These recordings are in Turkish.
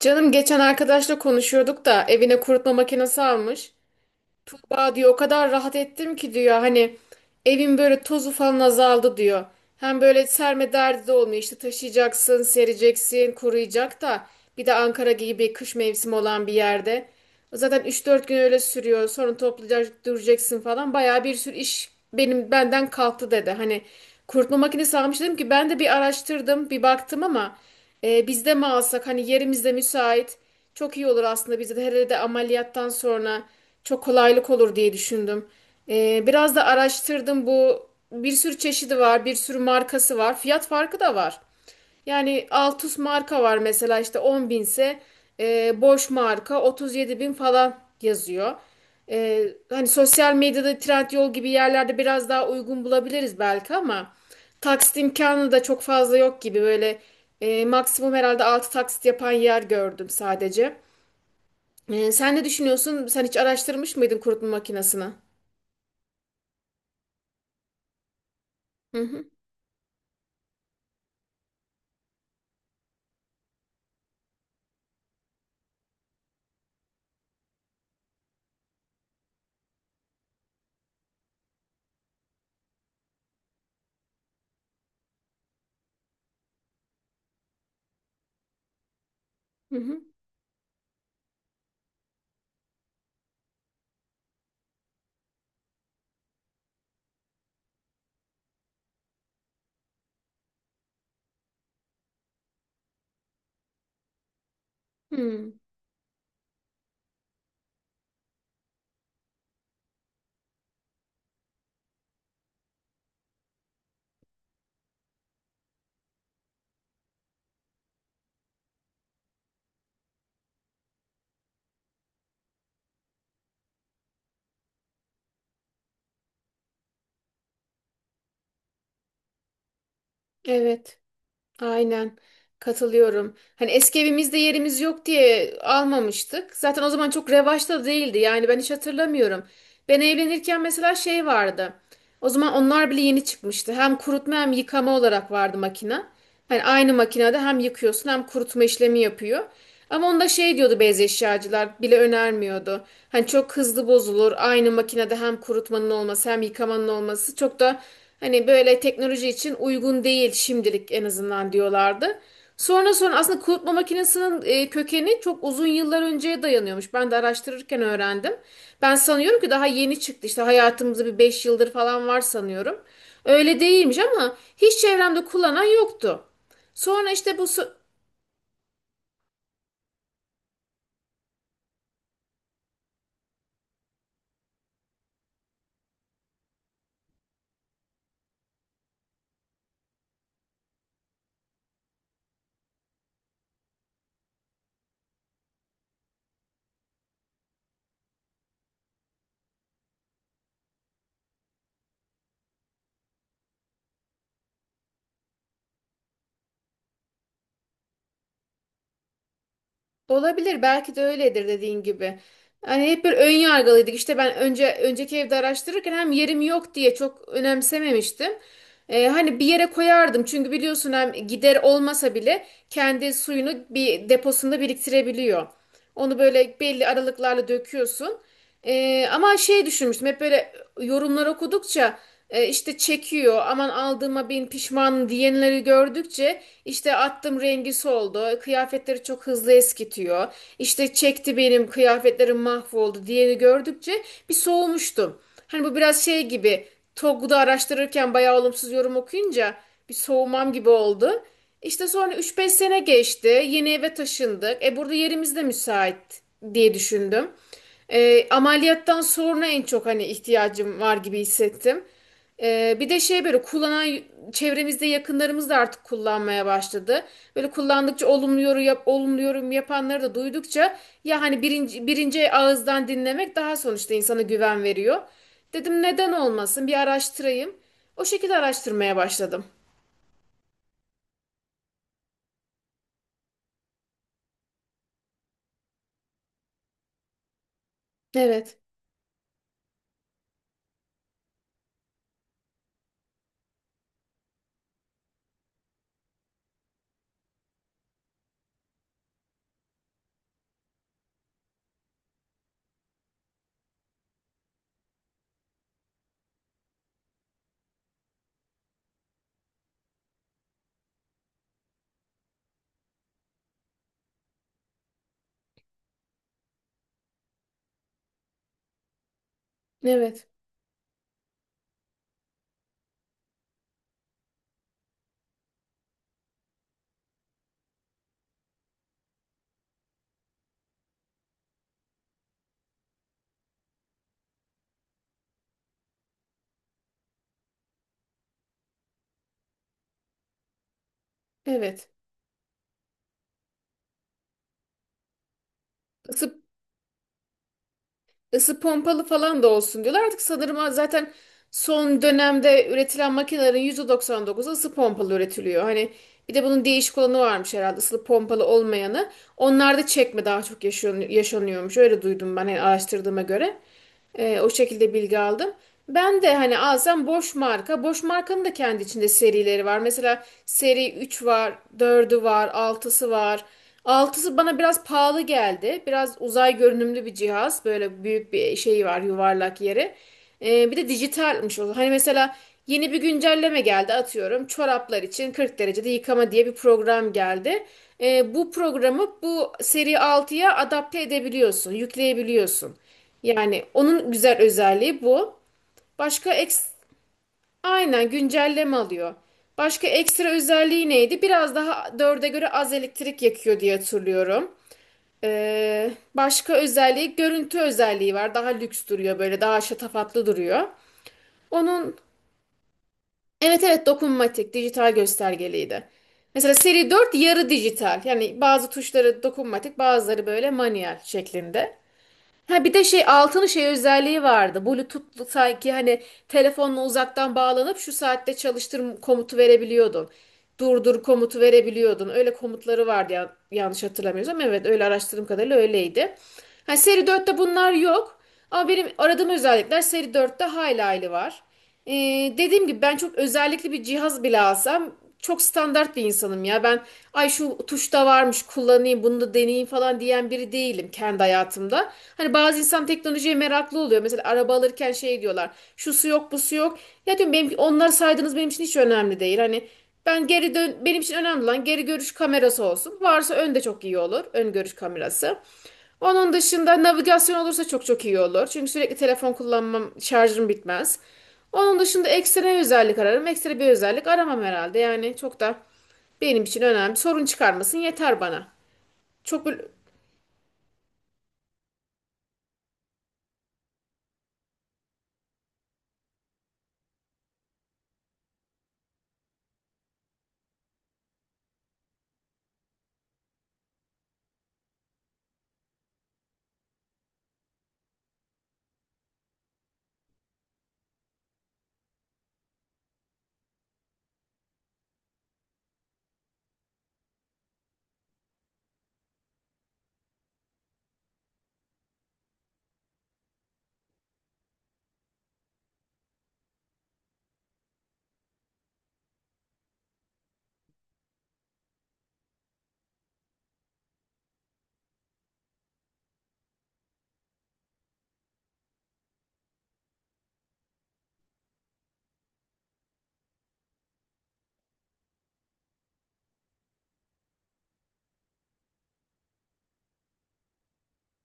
Canım geçen arkadaşla konuşuyorduk da evine kurutma makinesi almış. Tuğba diyor o kadar rahat ettim ki diyor hani evin böyle tozu falan azaldı diyor. Hem böyle serme derdi de olmuyor işte taşıyacaksın, sereceksin, kuruyacak da bir de Ankara gibi kış mevsimi olan bir yerde. Zaten üç dört gün öyle sürüyor sonra toplayacak duracaksın falan bayağı bir sürü iş benden kalktı dedi. Hani kurutma makinesi almış dedim ki ben de bir araştırdım bir baktım ama bizde mi alsak, hani yerimizde müsait. Çok iyi olur aslında bize de herhalde ameliyattan sonra çok kolaylık olur diye düşündüm. Biraz da araştırdım, bu bir sürü çeşidi var, bir sürü markası var, fiyat farkı da var. Yani Altus marka var mesela, işte 10 binse Bosch marka 37 bin falan yazıyor. E, hani sosyal medyada Trendyol gibi yerlerde biraz daha uygun bulabiliriz belki ama. Taksit imkanı da çok fazla yok gibi, böyle maksimum herhalde 6 taksit yapan yer gördüm sadece. Sen ne düşünüyorsun? Sen hiç araştırmış mıydın kurutma makinesini? Hı hı hı hı. Evet. Aynen, katılıyorum. Hani eski evimizde yerimiz yok diye almamıştık. Zaten o zaman çok revaçta da değildi. Yani ben hiç hatırlamıyorum. Ben evlenirken mesela şey vardı. O zaman onlar bile yeni çıkmıştı. Hem kurutma hem yıkama olarak vardı makine. Hani aynı makinede hem yıkıyorsun hem kurutma işlemi yapıyor. Ama onda şey diyordu, beyaz eşyacılar bile önermiyordu. Hani çok hızlı bozulur. Aynı makinede hem kurutmanın olması hem yıkamanın olması çok da hani böyle teknoloji için uygun değil şimdilik en azından diyorlardı. Sonra sonra aslında kurutma makinesinin kökeni çok uzun yıllar önceye dayanıyormuş. Ben de araştırırken öğrendim. Ben sanıyorum ki daha yeni çıktı işte hayatımızda, bir 5 yıldır falan var sanıyorum. Öyle değilmiş ama hiç çevremde kullanan yoktu. Sonra işte bu so- Olabilir, belki de öyledir dediğin gibi. Hani hep bir ön yargılıydık. İşte ben önce önceki evde araştırırken hem yerim yok diye çok önemsememiştim. Hani bir yere koyardım çünkü biliyorsun hem gider olmasa bile kendi suyunu bir deposunda biriktirebiliyor. Onu böyle belli aralıklarla döküyorsun. Ama şey düşünmüştüm hep, böyle yorumlar okudukça işte çekiyor, aman aldığıma bin pişman diyenleri gördükçe, işte attım rengi soldu, kıyafetleri çok hızlı eskitiyor, İşte çekti benim kıyafetlerim mahvoldu diyeni gördükçe bir soğumuştum. Hani bu biraz şey gibi, Togg'da araştırırken bayağı olumsuz yorum okuyunca bir soğumam gibi oldu. İşte sonra üç beş sene geçti. Yeni eve taşındık. E burada yerimiz de müsait diye düşündüm. E, ameliyattan sonra en çok hani ihtiyacım var gibi hissettim. Bir de şey, böyle kullanan çevremizde yakınlarımız da artık kullanmaya başladı. Böyle kullandıkça olumlu yorum yapanları da duydukça, ya hani birinci ağızdan dinlemek daha sonuçta insana güven veriyor. Dedim neden olmasın, bir araştırayım. O şekilde araştırmaya başladım. Evet, evet, evet. Isıp ısı pompalı falan da olsun diyorlar. Artık sanırım zaten son dönemde üretilen makinelerin %99'u ısı pompalı üretiliyor. Hani bir de bunun değişik olanı varmış, herhalde ısı pompalı olmayanı. Onlar da çekme daha çok yaşıyor, yaşanıyormuş. Öyle duydum ben, yani araştırdığıma göre. O şekilde bilgi aldım. Ben de hani alsam boş marka. Boş markanın da kendi içinde serileri var. Mesela seri 3 var, dördü var, altısı var. Altısı bana biraz pahalı geldi. Biraz uzay görünümlü bir cihaz. Böyle büyük bir şey var, yuvarlak yeri. Bir de dijitalmiş o. Hani mesela yeni bir güncelleme geldi atıyorum, çoraplar için 40 derecede yıkama diye bir program geldi. Bu programı bu seri altıya adapte edebiliyorsun, yükleyebiliyorsun. Yani onun güzel özelliği bu. Başka eks aynen güncelleme alıyor. Başka ekstra özelliği neydi? Biraz daha dörde göre az elektrik yakıyor diye hatırlıyorum. Başka özelliği görüntü özelliği var. Daha lüks duruyor, böyle daha şatafatlı duruyor. Onun evet evet, dokunmatik dijital göstergeliydi. Mesela seri 4 yarı dijital. Yani bazı tuşları dokunmatik, bazıları böyle manuel şeklinde. Ha bir de şey altının şey özelliği vardı, Bluetooth'lu sanki. Hani telefonla uzaktan bağlanıp şu saatte çalıştır komutu verebiliyordum, durdur komutu verebiliyordun. Öyle komutları vardı ya, yanlış hatırlamıyorsam. Evet, öyle araştırdığım kadarıyla öyleydi. Hani seri dörtte bunlar yok. Ama benim aradığım özellikler seri dörtte hayli hayli var. Ee, dediğim gibi, ben çok özellikli bir cihaz bile alsam çok standart bir insanım ya. Ben ay şu tuşta varmış kullanayım bunu da deneyeyim falan diyen biri değilim kendi hayatımda. Hani bazı insan teknolojiye meraklı oluyor. Mesela araba alırken şey diyorlar, şu su yok bu su yok. Ya diyorum benim, onları saydığınız benim için hiç önemli değil. Hani benim için önemli olan geri görüş kamerası olsun. Varsa ön de çok iyi olur, ön görüş kamerası. Onun dışında navigasyon olursa çok çok iyi olur. Çünkü sürekli telefon kullanmam, şarjım bitmez. Onun dışında ekstra özellik ararım. Ekstra bir özellik aramam herhalde. Yani çok da benim için önemli. Sorun çıkarmasın yeter bana. Çok böyle-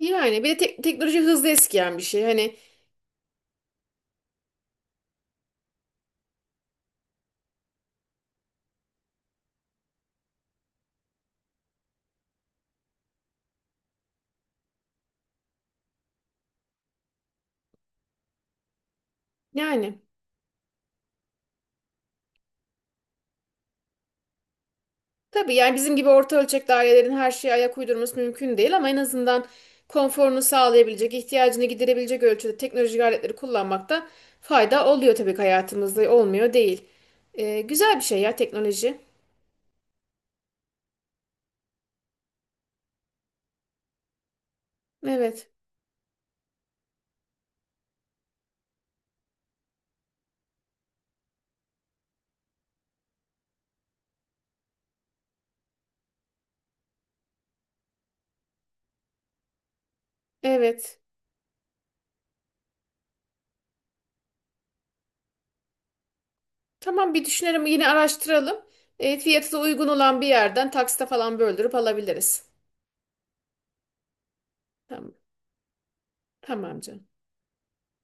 yani bir de teknoloji hızlı eskiyen bir şey. Hani yani tabii, yani bizim gibi orta ölçekli ailelerin her şeye ayak uydurması mümkün değil ama en azından konforunu sağlayabilecek, ihtiyacını giderebilecek ölçüde teknolojik aletleri kullanmakta fayda oluyor tabii ki hayatımızda. Olmuyor değil. Güzel bir şey ya teknoloji. Evet. Evet. Tamam, bir düşünelim, yine araştıralım. Fiyatı da uygun olan bir yerden taksite falan böldürüp alabiliriz. Tamam. Tamam canım.